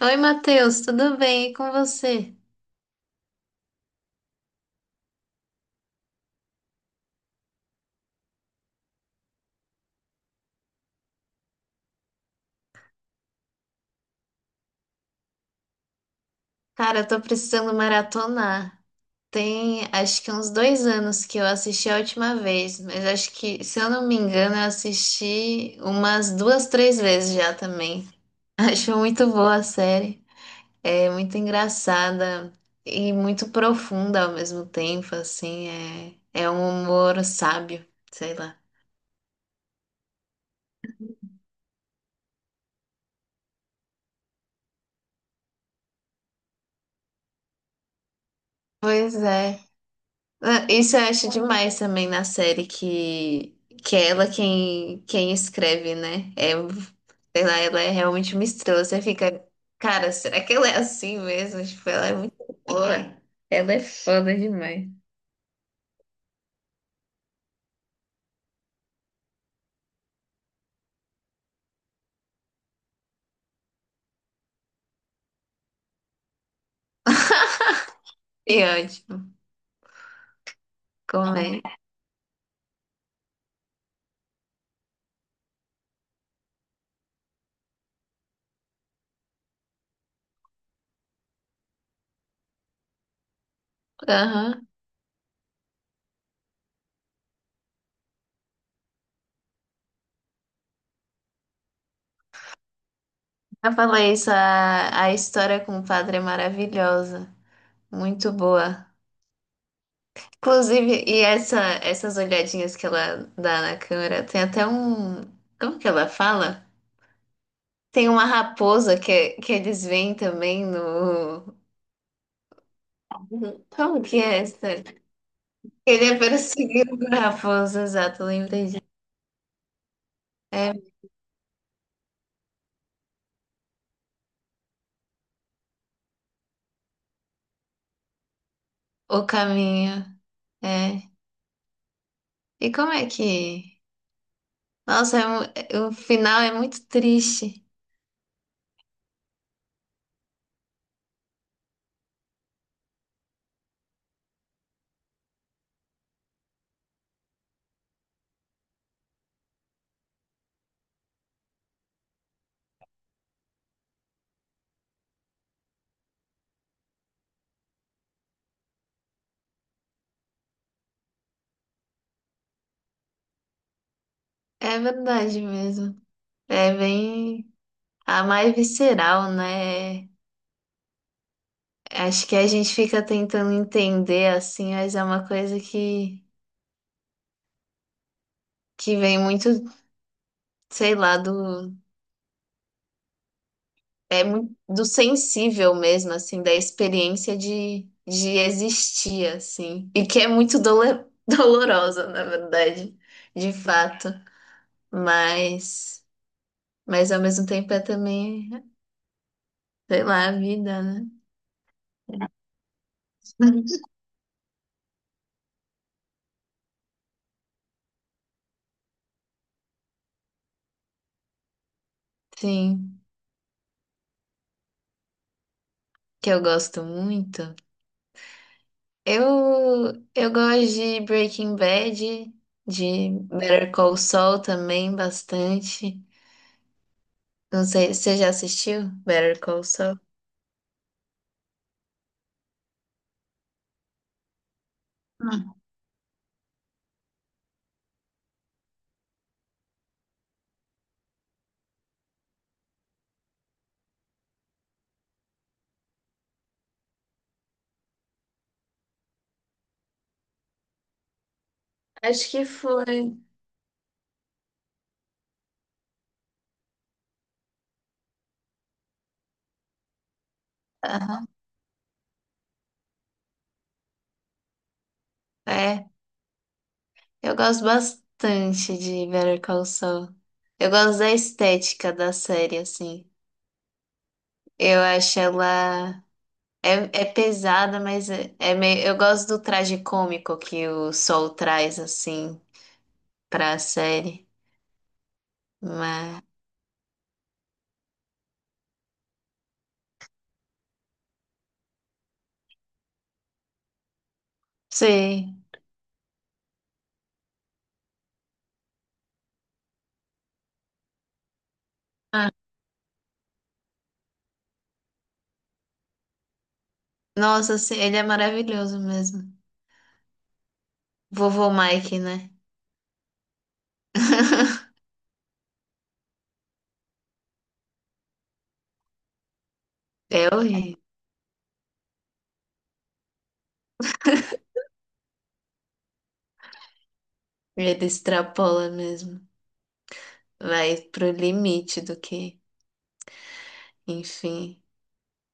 Oi, Matheus, tudo bem? E com você? Cara, eu tô precisando maratonar. Tem acho que uns dois anos que eu assisti a última vez, mas acho que, se eu não me engano, eu assisti umas duas, três vezes já também. Acho muito boa a série. É muito engraçada e muito profunda ao mesmo tempo, assim. É, é um humor sábio, sei lá. Pois é. Ah, isso eu acho demais também na série que é ela quem escreve, né? É, sei lá, ela é realmente uma estrela. Você fica, cara, será que ela é assim mesmo? Tipo, ela é muito boa. Ela é foda demais. E ótimo, como é? Aham. Eu falei isso, a história com o padre é maravilhosa. Muito boa. Inclusive, e essa, essas olhadinhas que ela dá na câmera, tem até um. Como que ela fala? Tem uma raposa que eles veem também no. Como que é essa? Ele é perseguido por raposa, exato, lembrei disso. É o caminho. É. E como é que. Nossa, o final é muito triste. É verdade mesmo. É bem. A mais visceral, né? Acho que a gente fica tentando entender assim, mas é uma coisa que vem muito, sei lá, do. É muito do sensível mesmo, assim, da experiência de existir, assim, e que é muito dolorosa, na verdade, de fato, mas, mas ao mesmo tempo é também, sei lá, a vida, né? Sim, que eu gosto muito. Eu, eu gosto de Breaking Bad, de Better Call Saul também bastante. Não sei, você já assistiu Better Call Saul? Hum. Acho que foi. É, eu gosto bastante de Better Call Saul. Eu gosto da estética da série, assim. Eu acho ela. É, é pesada, mas é, é meio, eu gosto do traje cômico que o Saul traz, assim, pra série. Mas. Sim. Ah, nossa, sim, ele é maravilhoso mesmo. Vovô Mike, né? É horrível. Ele extrapola mesmo. Vai pro limite do que. Enfim.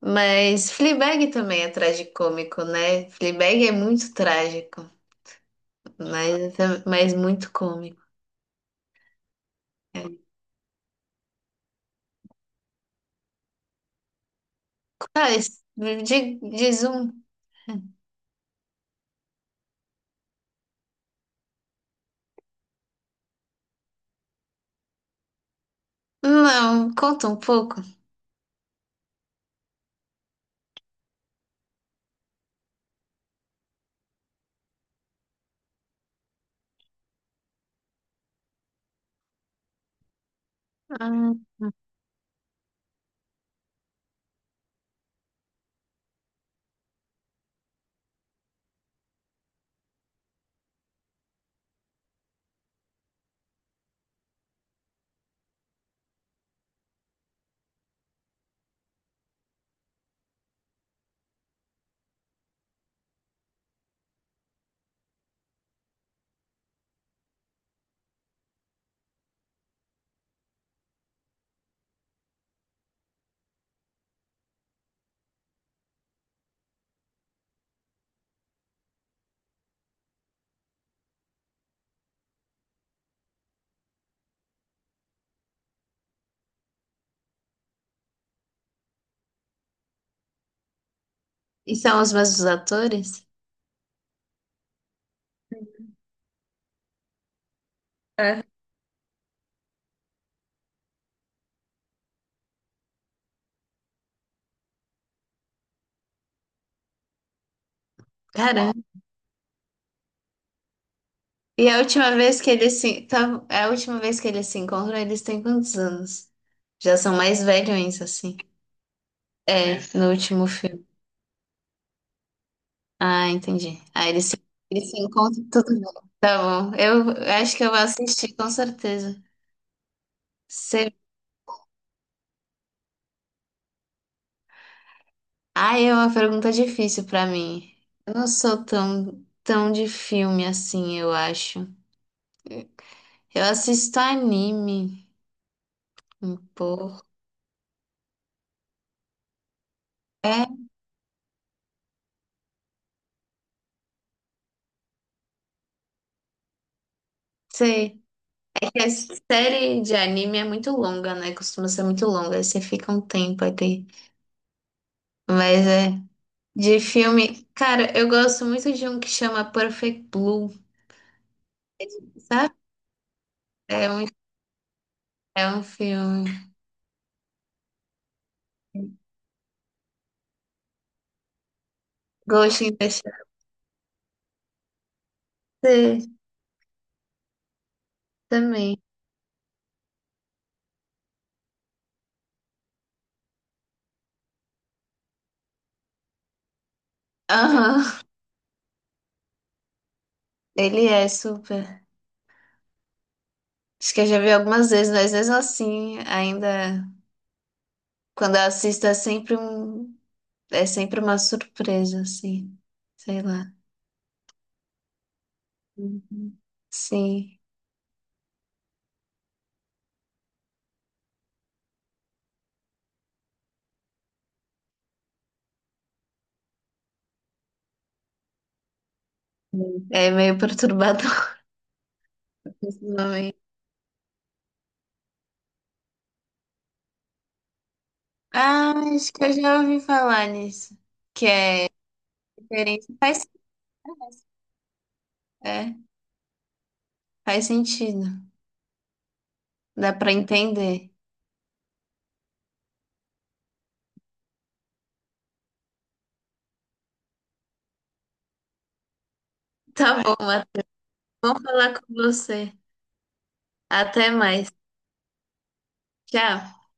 Mas Fleabag também é tragicômico, né? Fleabag é muito trágico, mas, mas muito cômico. É. Tá, diz um. Não, conta um pouco. Ah, e são os mesmos atores? É. Caramba. E a última vez que eles se, tá, a última vez que eles se encontram, eles têm quantos anos? Já são mais velhos, assim. É, no último filme. Ah, entendi. Ah, eles se encontram tudo bem. Tá bom. Eu acho que eu vou assistir, com certeza. Você. Ah, é uma pergunta difícil pra mim. Eu não sou tão de filme assim, eu acho. Eu assisto anime um pouco. É, sei. É que a série de anime é muito longa, né? Costuma ser muito longa. Aí você fica um tempo até. Mas é. De filme, cara, eu gosto muito de um que chama Perfect Blue, sabe? É um É um filme. Ghost in the Shell. Sim, também. Aham, ele é super. Acho que eu já vi algumas vezes, mas mesmo assim, ainda quando eu assisto é sempre é sempre uma surpresa, assim. Sei lá. Uhum. Sim, é meio perturbador esse nome. Ah, acho que eu já ouvi falar nisso. Que é diferente. Faz, é, faz sentido. Dá pra entender. Tá bom, até falar com você. Até mais. Tchau.